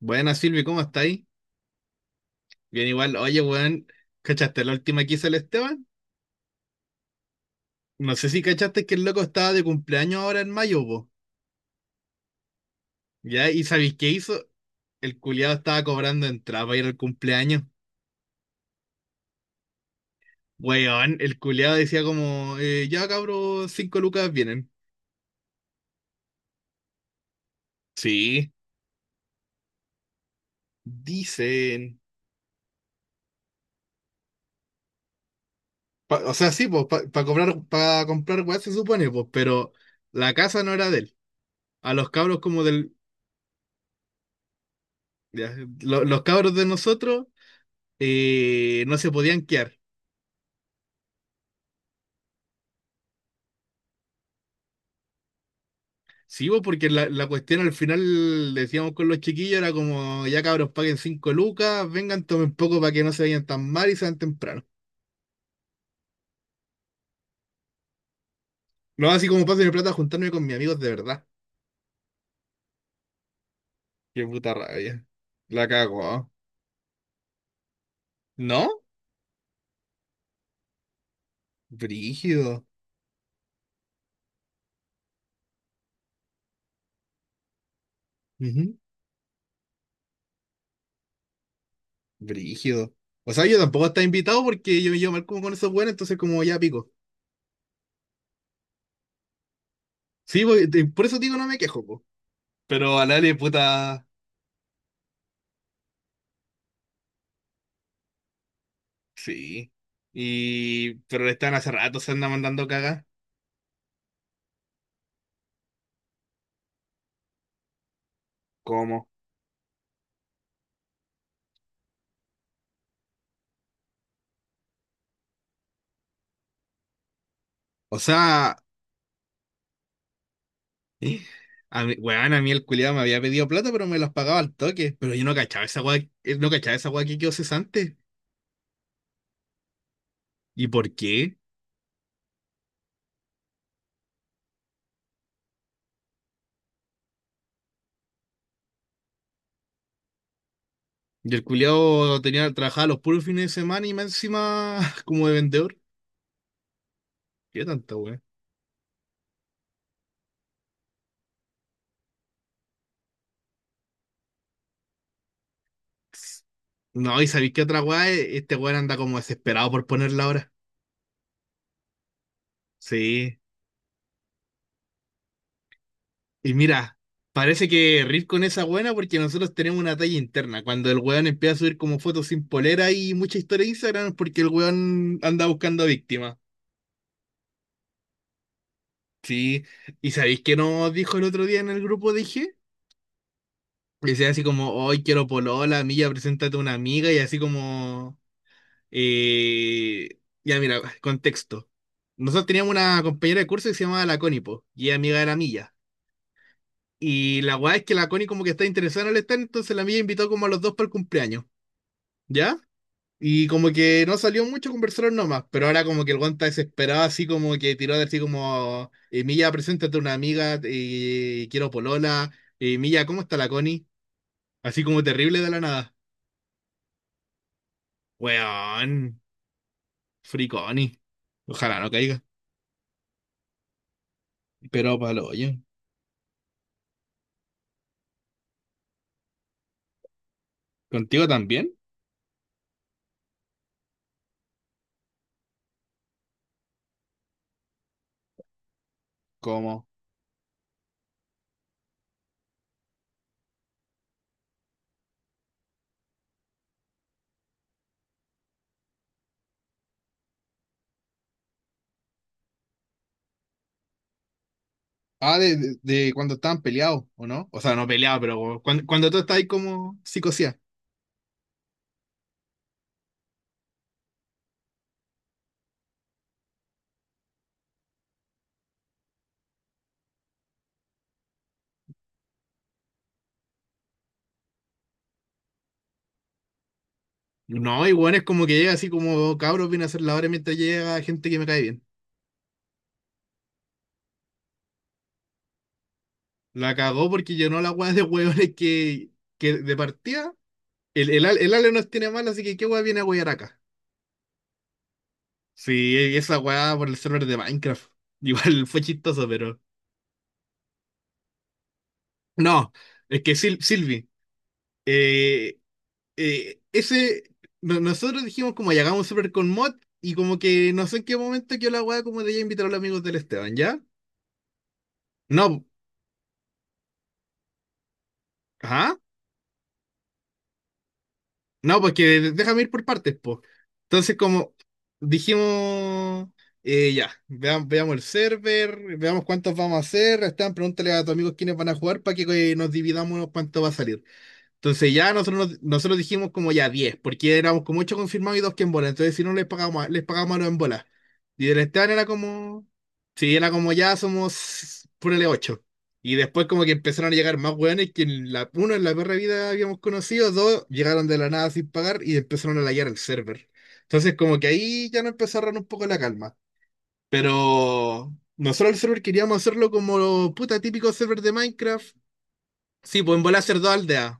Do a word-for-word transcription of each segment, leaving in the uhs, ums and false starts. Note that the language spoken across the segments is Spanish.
Buenas, Silvi, ¿cómo estáis? Bien, igual. Oye, weón, ¿cachaste la última que hizo el Esteban? No sé si cachaste que el loco estaba de cumpleaños ahora en mayo, po. ¿Ya? ¿Y sabéis qué hizo? El culiado estaba cobrando entrada para ir al cumpleaños. Weón, el culiado decía como, eh, ya cabros, cinco lucas vienen. Sí, dicen. Pa- o sea, sí, pues, para cobrar, para comprar weá se supone, pues, pero la casa no era de él. A los cabros como del. Ya, lo- los cabros de nosotros eh, no se podían quedar. Sí, vos, porque la, la cuestión al final, decíamos con los chiquillos, era como, ya cabros, paguen cinco lucas, vengan, tomen poco para que no se vayan tan mal y sean temprano. No, así como paso mi plata a juntarme con mis amigos de verdad. Qué puta rabia. La cago, ¿ah? ¿No? Brígido. Ujú, Brígido. O sea, yo tampoco estaba invitado porque yo me llevo mal como con esos buenos, entonces como ya pico. Sí, voy- te- por eso digo, no me quejo, po. Pero a Lale, puta, sí. Y... Pero le están hace rato, se anda mandando cagas. ¿Cómo? O sea, eh, a mí, weón, a mí el culiado me había pedido plata, pero me los pagaba al toque. Pero yo no cachaba esa weá, eh, no cachaba esa weá que quedó cesante. ¿Y por qué? Y el culiado tenía, trabajaba los puros fines de semana y más encima como de vendedor. ¿Qué tanta weá? No, y sabéis qué otra weá, E, este weón anda como desesperado por ponerla ahora. Sí, y mira, parece que rir con esa buena porque nosotros tenemos una talla interna. Cuando el weón empieza a subir como fotos sin polera y mucha historia de Instagram es porque el weón anda buscando víctimas. Sí, y ¿sabéis qué nos dijo el otro día en el grupo? Dije, decía así como, hoy quiero polola, Milla, preséntate a una amiga y así como, eh, ya mira, contexto. Nosotros teníamos una compañera de curso que se llamaba la Connie, po, y ella amiga de la Milla. Y la weá es que la Connie como que está interesada en el stand, entonces la Milla invitó como a los dos para el cumpleaños. ¿Ya? Y como que no salió mucho, conversaron nomás, pero ahora como que el guanta desesperado, así como que tiró de así como, eh, Milla, preséntate a una amiga, eh, quiero polola, eh, Milla, ¿cómo está la Connie? Así como terrible de la nada. Weón, free Connie. Ojalá no caiga. Pero palo, oye, ¿contigo también? ¿Cómo? Ah, de, de, de cuando estaban peleados, ¿o no? O sea, no peleados, pero cuando, cuando tú estás ahí como psicosía. No, igual es como que llega así como, cabros, viene a hacer la hora mientras llega gente que me cae bien. La cagó porque llenó la weá de hueones que, que de partida. El, el, Ale- el Ale nos tiene mal, así que qué weá viene a huear acá. Sí, e, esa weá por el server de Minecraft. Igual fue chistoso, pero. No, es que Sil- Silvi, eh, eh, ese. no- nosotros dijimos como ya hagamos un server con mod y como que no sé en qué momento quedó la weá como de ya invitar a los amigos del Esteban, ¿ya? No, ¿ah? No, porque déjame ir por partes, pues. Entonces, como dijimos, eh, ya, veamos, veamos el server, veamos cuántos vamos a hacer. Esteban, pregúntale a tus amigos quiénes van a jugar para que eh, nos dividamos cuánto va a salir. Entonces ya nosotros, nos- nosotros dijimos como ya diez porque éramos como ocho confirmados y dos que en bola. Entonces si no les pagamos, a- les pagamos a los en bola. Y del Esteban era como, sí, era como ya somos, ponele ocho. Y después como que empezaron a llegar más hueones que en la, uno en la perra vida habíamos conocido, dos llegaron de la nada sin pagar y empezaron a layar el server. Entonces como que ahí ya nos empezó a agarrar un poco la calma. Pero nosotros el server queríamos hacerlo como puta típico server de Minecraft. Sí, pues en volar hacer dos aldeas.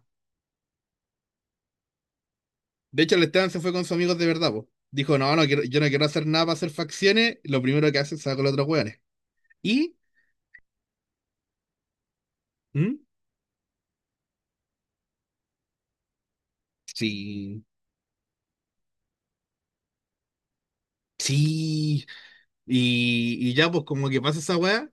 De hecho, el Esteban se fue con sus amigos de verdad, po. Dijo, no, no quiero, yo no quiero hacer nada para hacer facciones. Lo primero que hace es sacar a los otros hueones. Y, ¿mm? Sí, sí. Y, y ya, pues como que pasa esa weá.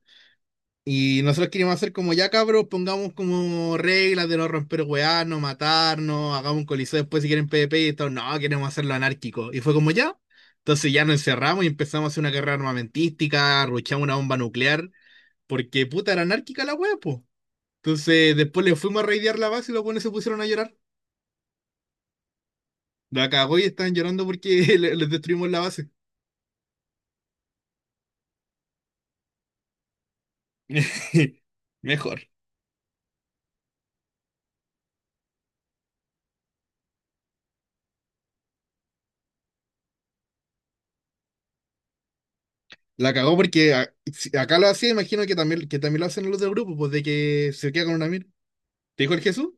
Y nosotros queríamos hacer como ya, cabros, pongamos como reglas de no romper weá, no matarnos, hagamos un coliseo después si quieren PvP y todo. No, queremos hacerlo anárquico. Y fue como ya. Entonces ya nos encerramos y empezamos a hacer una guerra armamentística, ruchamos una bomba nuclear, porque puta era anárquica la weá, pues. Entonces, después le fuimos a raidear la base y los buenos se pusieron a llorar. La cagó y estaban llorando porque le- les destruimos la base. Mejor. La cagó porque a- si acá lo hacía, imagino que también, que también lo hacen los del grupo, pues de que se queda con una mina. ¿Te dijo el Jesús?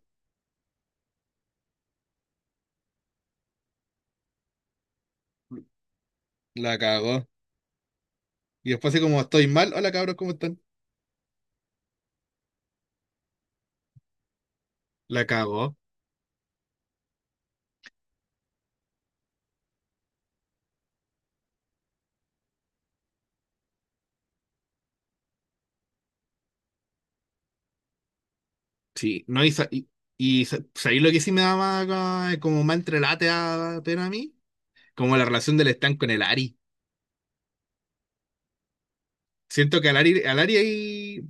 La cagó. Y después así como, estoy mal, hola cabros, ¿cómo están? La cagó. Sí, no, y, sa- y, y sa- ¿sabéis lo que sí me da más, ca- como más entrelate a, pena a mí? Como la relación del Stan con el Ari. Siento que al Ari, al Ari ahí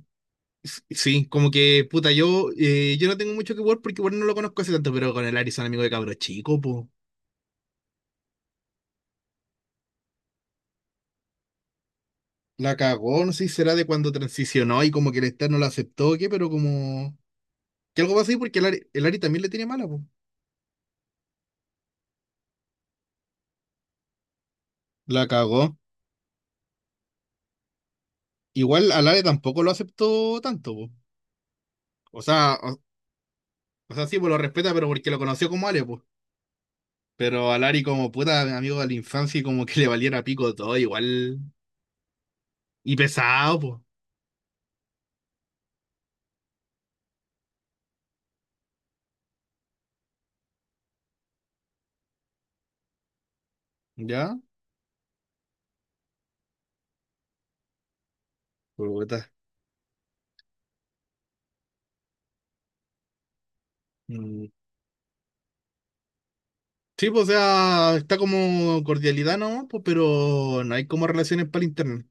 S- Sí, como que, puta, yo, eh, yo no tengo mucho que ver porque igual no lo conozco hace tanto, pero con el Ari son amigo de cabro chico, po. La cagó, no sé si será de cuando transicionó y como que el Star no lo aceptó o qué, pero como que algo pasó ahí porque el Ari, el Ari también le tiene mala, po. La cagó. Igual al Ari tampoco lo aceptó tanto, po. O sea, o, o sea, sí, pues lo respeta, pero porque lo conoció como Ale, po. Pero al Ari como puta amigo de la infancia y como que le valiera pico todo, igual. Y pesado, po. ¿Ya? Puta. Mm, sí, pues, o sea, está como cordialidad, ¿no? Pues, pero no hay como relaciones para el internet.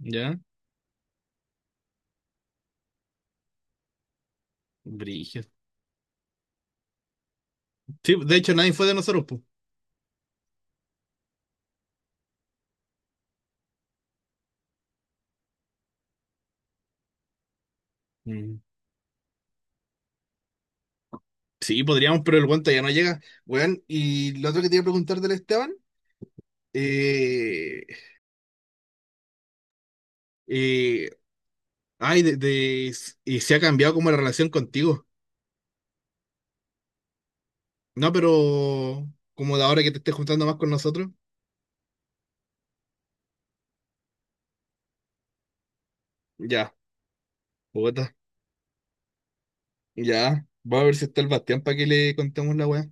¿Ya? Brígido. Sí, de hecho, nadie fue de nosotros, pues. Mm. Sí, podríamos, pero el guante ya no llega. Weón, y lo otro que te iba a preguntar del Esteban, eh, eh, ay, de, de- s- y se ha cambiado como la relación contigo. No, pero como de ahora que te estés juntando más con nosotros, ya, puta, ya. Vamos a ver si está el Bastián para que le contemos la weá.